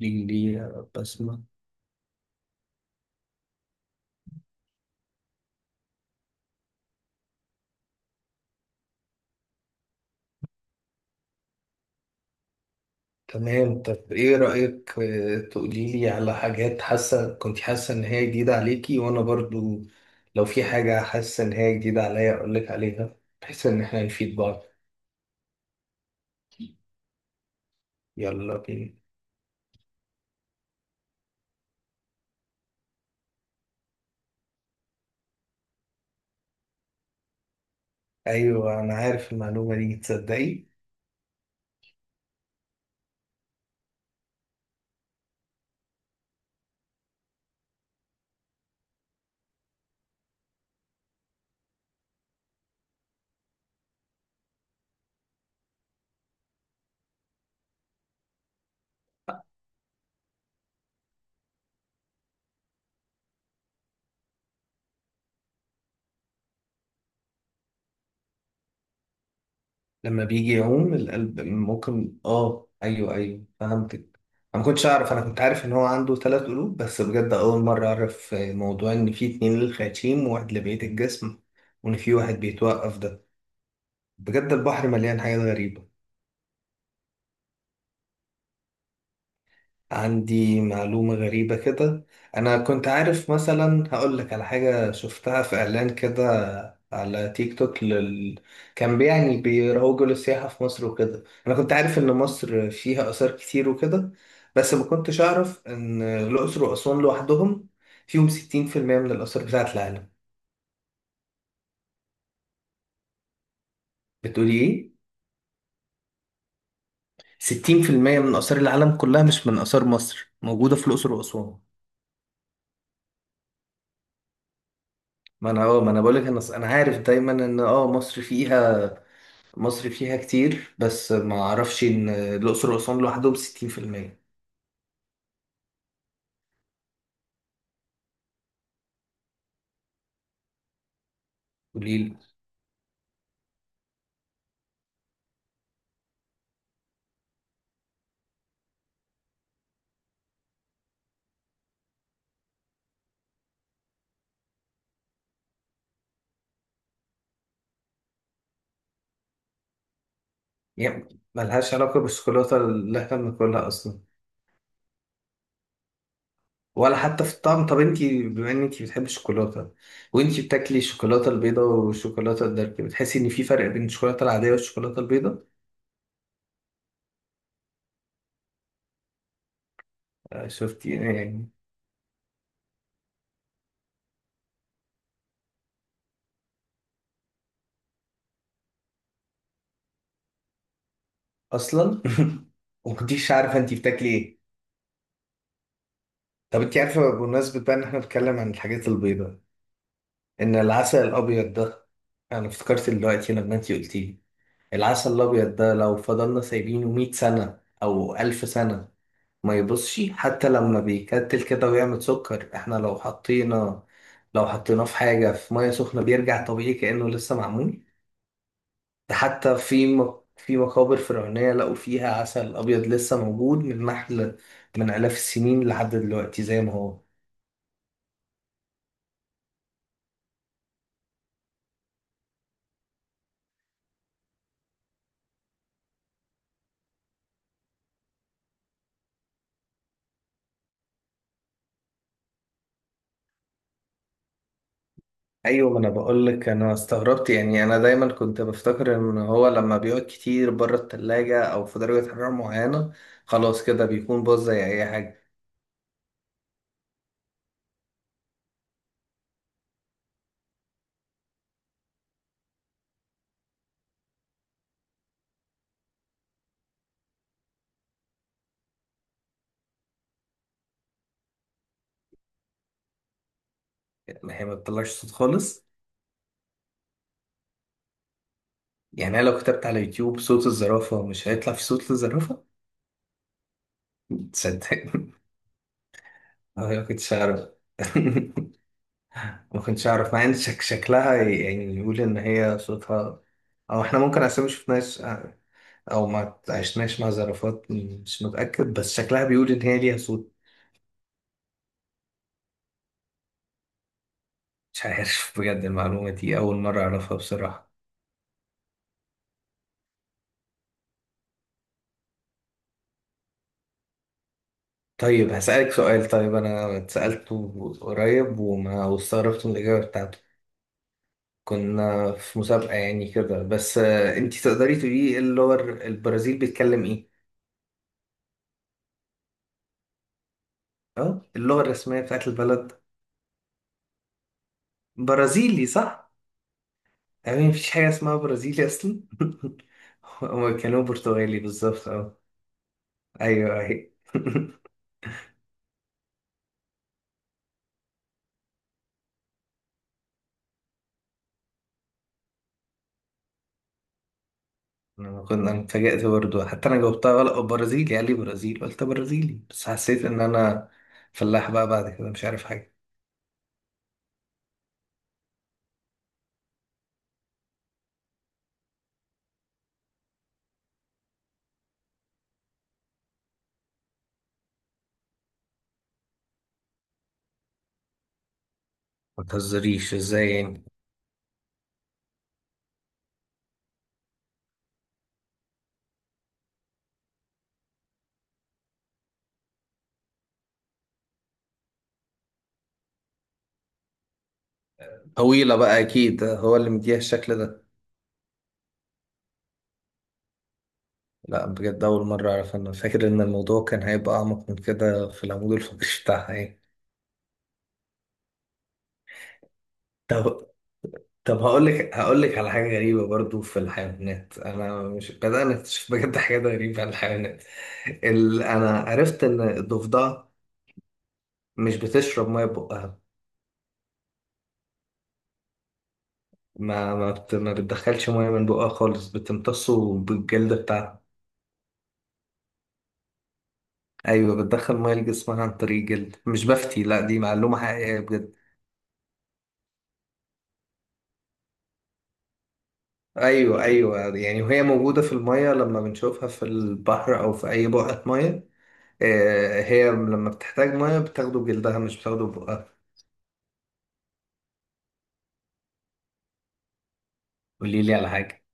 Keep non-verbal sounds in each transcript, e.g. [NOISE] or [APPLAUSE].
ليه بسمة؟ تمام، طب ايه رأيك؟ تقولي لي على حاجات كنت حاسة ان هي جديدة عليكي وانا برضو لو في حاجة حاسة ان هي جديدة عليا اقول لك عليها، بحيث ان احنا نفيد بعض. يلا بينا. ايوه انا عارف المعلومة دي، تصدقي؟ لما بيجي يعوم القلب ممكن ايوه ايوه فهمتك. انا ما كنتش اعرف، انا كنت عارف ان هو عنده ثلاث قلوب بس، بجد اول مره اعرف موضوع ان في اتنين للخياشيم وواحد لبقيه الجسم، وان في واحد بيتوقف ده. بجد البحر مليان حاجات غريبه. عندي معلومة غريبة كده. أنا كنت عارف، مثلا هقول لك على حاجة شفتها في إعلان كده على تيك توك كان يعني بيروجوا للسياحة في مصر وكده. أنا كنت عارف إن مصر فيها آثار كتير وكده، بس ما كنتش أعرف إن الأقصر وأسوان لوحدهم فيهم 60% من الآثار بتاعة العالم. بتقولي إيه؟ 60% من آثار العالم كلها، مش من آثار مصر، موجودة في الأقصر وأسوان. ما أنا بقولك، أنا عارف دايما إن مصر فيها كتير، بس ما اعرفش ان الاقصر واسوان لوحدهم 60%. قليل. يعني ملهاش علاقه بالشوكولاته اللي احنا بناكلها اصلا، ولا حتى في الطعم. طب انتي بما ان انتي بتحبي الشوكولاته، وانتي بتاكلي الشوكولاته البيضاء والشوكولاته الدارك، بتحسي ان في فرق بين الشوكولاته العاديه والشوكولاته البيضاء؟ شفتي يعني. اصلا [LAUGHS] وما كنتيش عارفه انتي بتاكلي ايه. طب انتي عارفه، بمناسبه بقى ان احنا بنتكلم عن الحاجات البيضاء، ان العسل الابيض ده، انا افتكرت دلوقتي لما انتي قلتيه، العسل الأبيض ده لو فضلنا سايبينه مية سنة أو ألف سنة ما يبصش. حتى لما بيكتل كده ويعمل سكر، احنا لو حطيناه في حاجة في مية سخنة بيرجع طبيعي كأنه لسه معمول. ده حتى في مقابر فرعونية لقوا فيها عسل أبيض لسه موجود، من نحل من آلاف السنين لحد دلوقتي زي ما هو. ايوه ما انا بقول لك انا استغربت، يعني انا دايما كنت بفتكر ان هو لما بيقعد كتير بره التلاجة او في درجة حرارة معينة خلاص كده بيكون باظ زي اي حاجة. يعني هي ما بتطلعش صوت خالص؟ يعني انا لو كتبت على يوتيوب صوت الزرافة مش هيطلع في صوت الزرافة؟ تصدق؟ [LAUGHS] أه، ما كنتش اعرف. [LAUGHS] ما كنتش اعرف، مع ان شكلها يعني يقول ان هي صوتها، او احنا ممكن عشان ما شفناش او ما عشناش مع زرافات، مش متأكد، بس شكلها بيقول ان هي ليها صوت. مش عارف بجد، المعلومة دي أول مرة أعرفها بصراحة. طيب هسألك سؤال، طيب أنا اتسألته قريب واستغربت من الإجابة بتاعته، كنا في مسابقة يعني كده بس، أنتي تقدري تقولي إيه اللغة البرازيل بيتكلم إيه؟ أه، اللغة الرسمية بتاعت البلد. برازيلي، صح؟ يعني مفيش حاجة اسمها برازيلي أصلا. [LAUGHS] هما كانوا برتغالي بالظبط، أه. أيوه أيوه. [LAUGHS] انا اتفاجأت برضه، حتى انا جاوبتها غلط، برازيلي، قال لي برازيل قلت برازيلي، بس حسيت ان انا فلاح بقى بعد كده مش عارف حاجه. ما تهزريش، ازاي يعني؟ طويله بقى اكيد، هو اللي مديها الشكل ده. لا بجد اول مره اعرف، انا فاكر ان الموضوع كان هيبقى اعمق من كده في العمود الفقري [LAUGHS] بتاعها يعني. طب طب هقول لك على حاجه غريبه برضه في الحيوانات، انا مش بدأنا نكتشف بجد حاجات غريبه عن الحيوانات؟ انا عرفت ان الضفدع مش بتشرب ميه بقها. ما بتدخلش ميه من بقها خالص، بتمتصه بالجلد بتاعها. ايوه بتدخل ميه لجسمها عن طريق الجلد، مش بفتي، لا دي معلومه حقيقيه بجد. ايوه ايوه، يعني وهي موجوده في الميه، لما بنشوفها في البحر او في اي بقعه ميه، هي لما بتحتاج ميه بتاخده بجلدها مش بتاخده بقها. قولي لي على حاجه.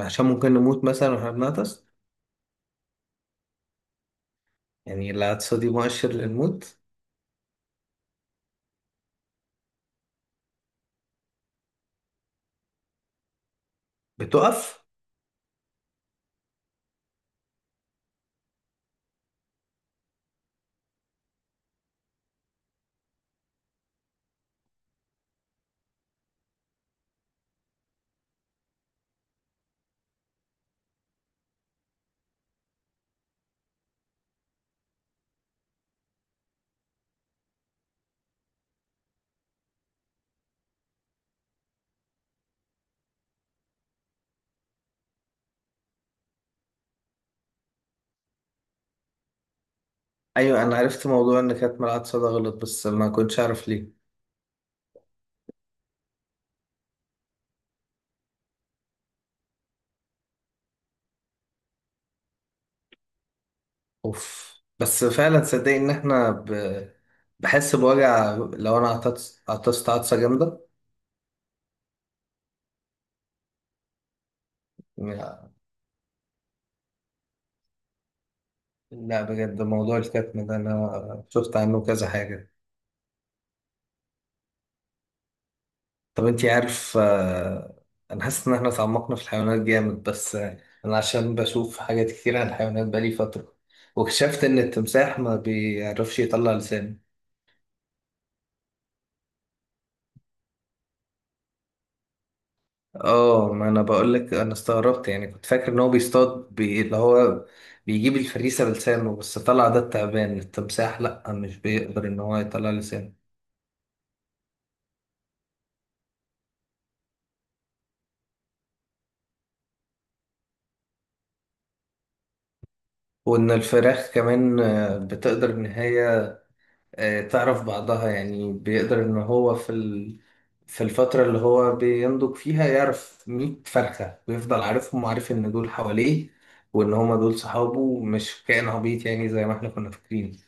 عشان ممكن نموت مثلا واحنا بنغطس. يعني العطسه دي مؤشر للموت. بتقف. ايوه انا عرفت موضوع ان كانت العطسه ده غلط، بس ما كنتش عارف ليه. اوف، بس فعلا صدق، ان احنا بحس بوجع لو انا عطست عطسه جامده. لا بجد موضوع الكتم ده انا شفت عنه كذا حاجه. طب انتي عارف، انا حاسس ان احنا اتعمقنا في الحيوانات جامد، بس انا عشان بشوف حاجات كتير عن الحيوانات بقالي فتره، واكتشفت ان التمساح ما بيعرفش يطلع لسانه. اه ما انا بقول لك انا استغربت، يعني كنت فاكر ان هو بيصطاد اللي هو بيجيب الفريسه بلسانه، بس طلع ده التعبان، التمساح لا مش بيقدر ان هو يطلع لسانه. وان الفراخ كمان، بتقدر ان هي تعرف بعضها، يعني بيقدر ان هو في في الفتره اللي هو بينضج فيها يعرف 100 فرخه ويفضل عارفهم، وعارف ان دول حواليه، وان هما دول صحابه، مش كائن عبيط يعني زي ما احنا كنا فاكرين.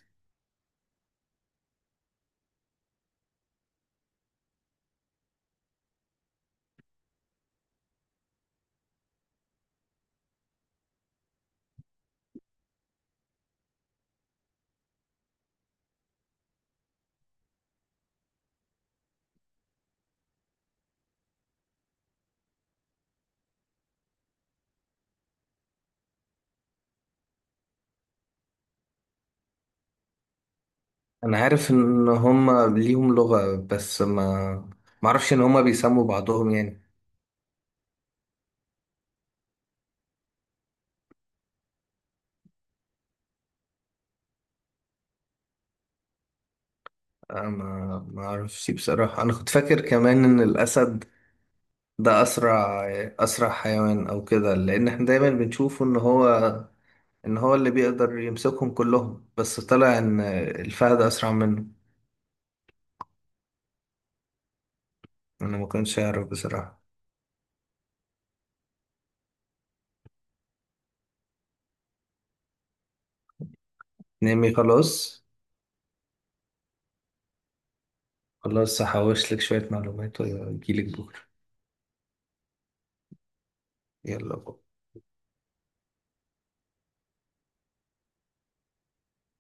انا عارف ان هما ليهم لغة، بس ما اعرفش ان هما بيسموا بعضهم يعني. أنا ما اعرفش بصراحة، انا كنت فاكر كمان ان الاسد ده اسرع حيوان او كده، لان احنا دايما بنشوفه ان هو اللي بيقدر يمسكهم كلهم، بس طلع ان الفهد اسرع منه. انا ما كنتش اعرف بصراحة. نامي خلاص. خلاص هحوش لك شوية معلومات واجيلك بكرة. يلا بكرة.